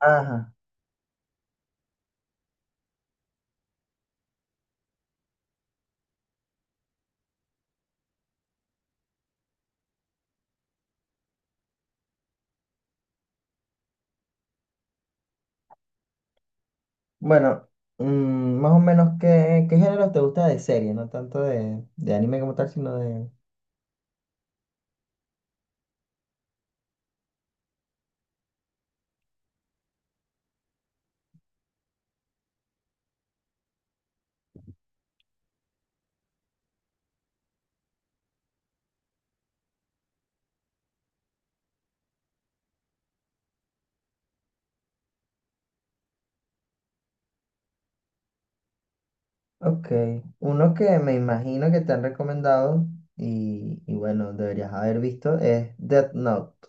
Ajá. Bueno, mm, más o menos, ¿qué géneros te gusta de serie? No tanto de anime como tal, sino de... Ok, uno que me imagino que te han recomendado y bueno, deberías haber visto es Death Note.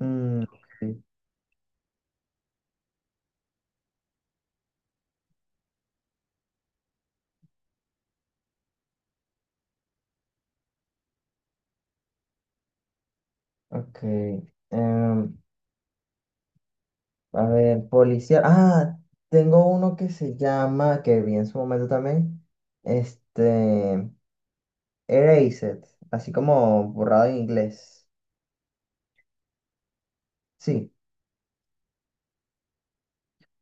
Ok, ok. em, a ver, policía. Ah, tengo uno que se llama, que vi en su momento también, este, Erased, así como borrado en inglés. Sí.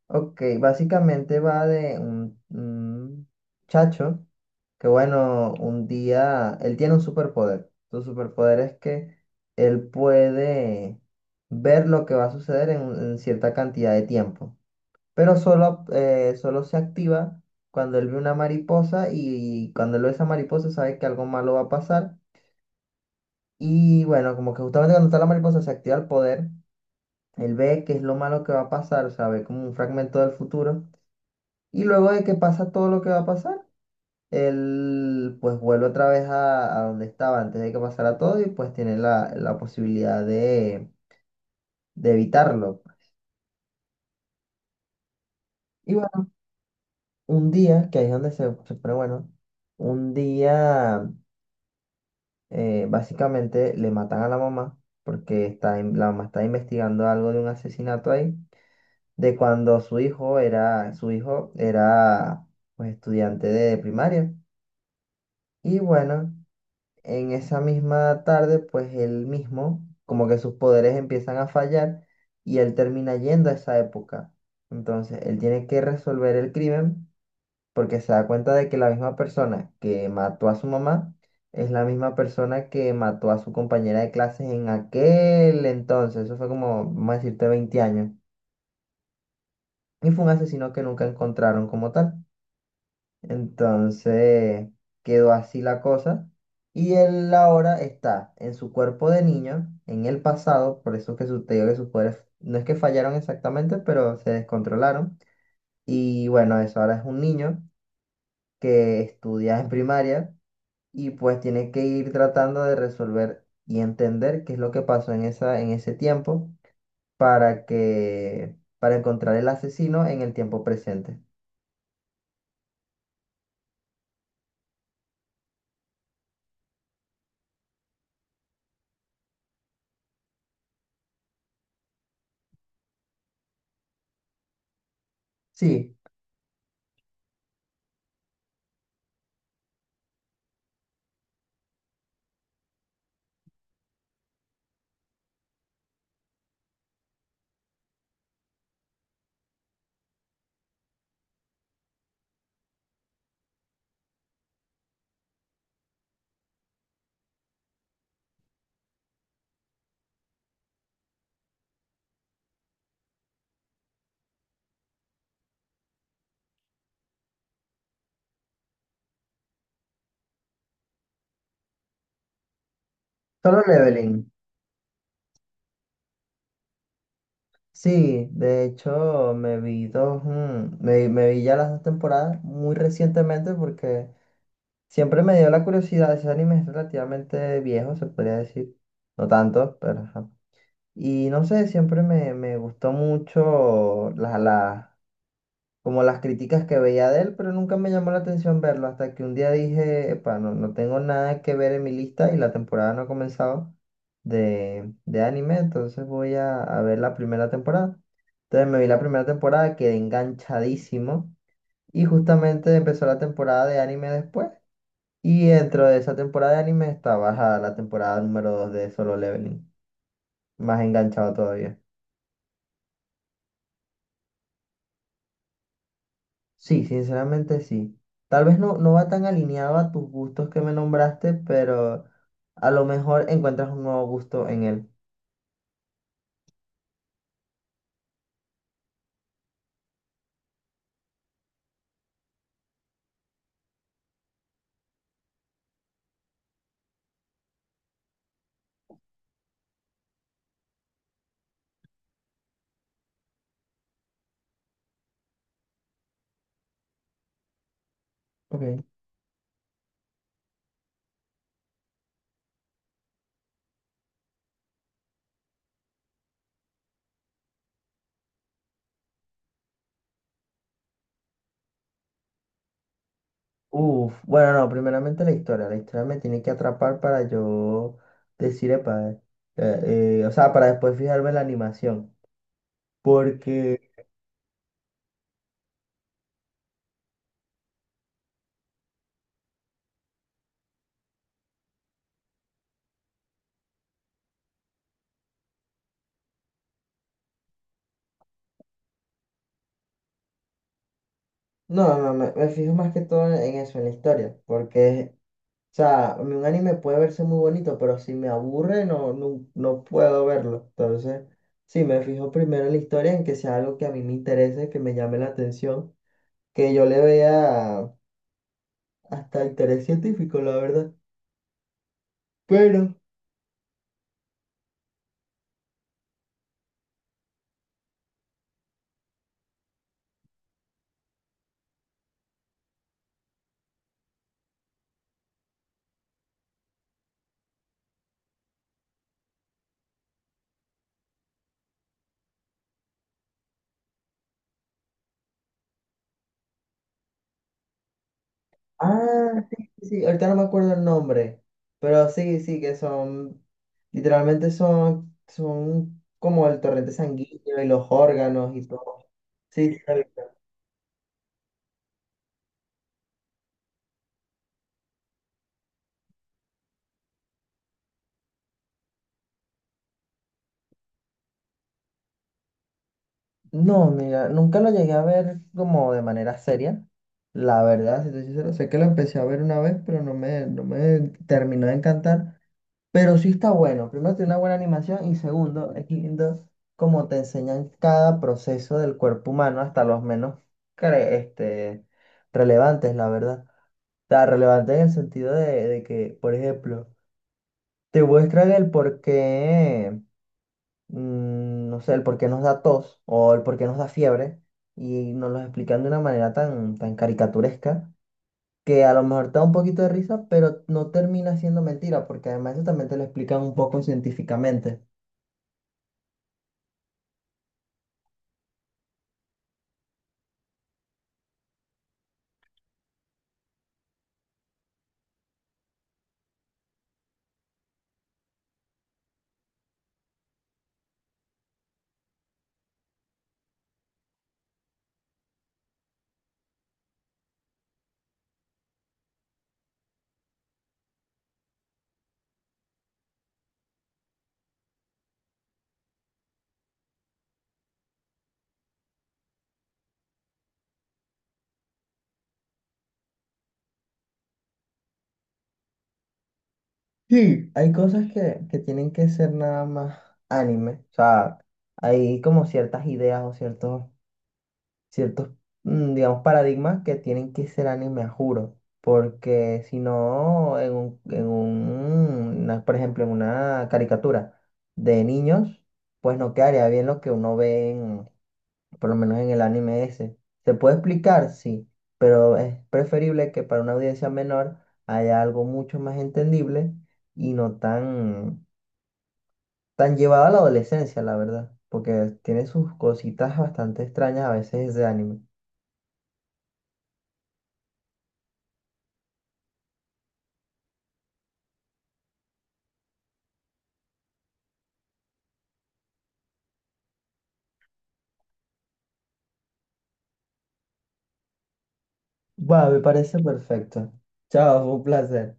Ok, básicamente va de un chacho que bueno, un día, él tiene un superpoder. Su superpoder es que él puede ver lo que va a suceder en cierta cantidad de tiempo, pero solo, solo se activa cuando él ve una mariposa y cuando él ve esa mariposa sabe que algo malo va a pasar. Y bueno, como que justamente cuando está la mariposa se activa el poder, él ve que es lo malo que va a pasar, o sea, ve como un fragmento del futuro. Y luego de que pasa todo lo que va a pasar, él pues vuelve otra vez a donde estaba antes de que pasara todo y pues tiene la posibilidad de evitarlo. Y bueno, un día, que ahí es donde se pone bueno, un día básicamente le matan a la mamá porque está, la mamá está investigando algo de un asesinato ahí, de cuando su hijo era pues estudiante de primaria. Y bueno. En esa misma tarde, pues él mismo, como que sus poderes empiezan a fallar y él termina yendo a esa época. Entonces, él tiene que resolver el crimen porque se da cuenta de que la misma persona que mató a su mamá es la misma persona que mató a su compañera de clases en aquel entonces. Eso fue como, vamos a decirte, 20 años. Y fue un asesino que nunca encontraron como tal. Entonces quedó así la cosa. Y él ahora está en su cuerpo de niño, en el pasado, por eso que su, te digo que sus poderes no es que fallaron exactamente, pero se descontrolaron. Y bueno, eso ahora es un niño que estudia en primaria y pues tiene que ir tratando de resolver y entender qué es lo que pasó en esa, en ese tiempo para que, para encontrar el asesino en el tiempo presente. Sí, solo leveling. Sí, de hecho me vi dos, me vi ya las 2 temporadas muy recientemente porque siempre me dio la curiosidad, ese anime es relativamente viejo, se podría decir, no tanto, pero ajá. Y no sé, siempre me gustó mucho las como las críticas que veía de él, pero nunca me llamó la atención verlo hasta que un día dije, epa, no tengo nada que ver en mi lista y la temporada no ha comenzado de anime, entonces voy a ver la primera temporada. Entonces me vi la primera temporada, quedé enganchadísimo y justamente empezó la temporada de anime después. Y dentro de esa temporada de anime está bajada la temporada número 2 de Solo Leveling, más enganchado todavía. Sí, sinceramente sí. Tal vez no, no va tan alineado a tus gustos que me nombraste, pero a lo mejor encuentras un nuevo gusto en él. Ok. Uf, bueno, no, primeramente la historia. La historia me tiene que atrapar para yo decir, epa, o sea, para después fijarme en la animación. Porque... No, no, me fijo más que todo en eso, en la historia, porque o sea, a mí un anime puede verse muy bonito, pero si me aburre, no, no, no puedo verlo. Entonces, sí, me fijo primero en la historia, en que sea algo que a mí me interese, que me llame la atención, que yo le vea hasta interés científico, la verdad. Pero, ah, sí, sí, sí, ahorita no me acuerdo el nombre, pero sí, sí, que son, literalmente son, son como el torrente sanguíneo y los órganos y todo. Sí, sí, sí. No, mira, nunca lo llegué a ver como de manera seria. La verdad, si te soy sincero, sé que lo empecé a ver una vez, pero no me, no me terminó de encantar. Pero sí está bueno. Primero, tiene una buena animación y segundo, es lindo cómo te enseñan cada proceso del cuerpo humano, hasta los menos cre- este, relevantes, la verdad. O sea, relevantes en el sentido de que, por ejemplo, te muestran el por qué no sé, el por qué nos da tos o el por qué nos da fiebre y nos los explican de una manera tan caricaturesca que a lo mejor te da un poquito de risa, pero no termina siendo mentira, porque además eso también te lo explican un poco científicamente. Sí. Hay cosas que tienen que ser nada más anime, o sea, hay como ciertas ideas o ciertos, digamos, paradigmas que tienen que ser anime, a juro. Porque si no, por ejemplo, en una caricatura de niños, pues no quedaría bien lo que uno ve en, por lo menos en el anime ese. ¿Se puede explicar? Sí, pero es preferible que para una audiencia menor haya algo mucho más entendible y no tan llevado a la adolescencia, la verdad. Porque tiene sus cositas bastante extrañas a veces ese anime. Va, me parece perfecto. Chao, fue un placer.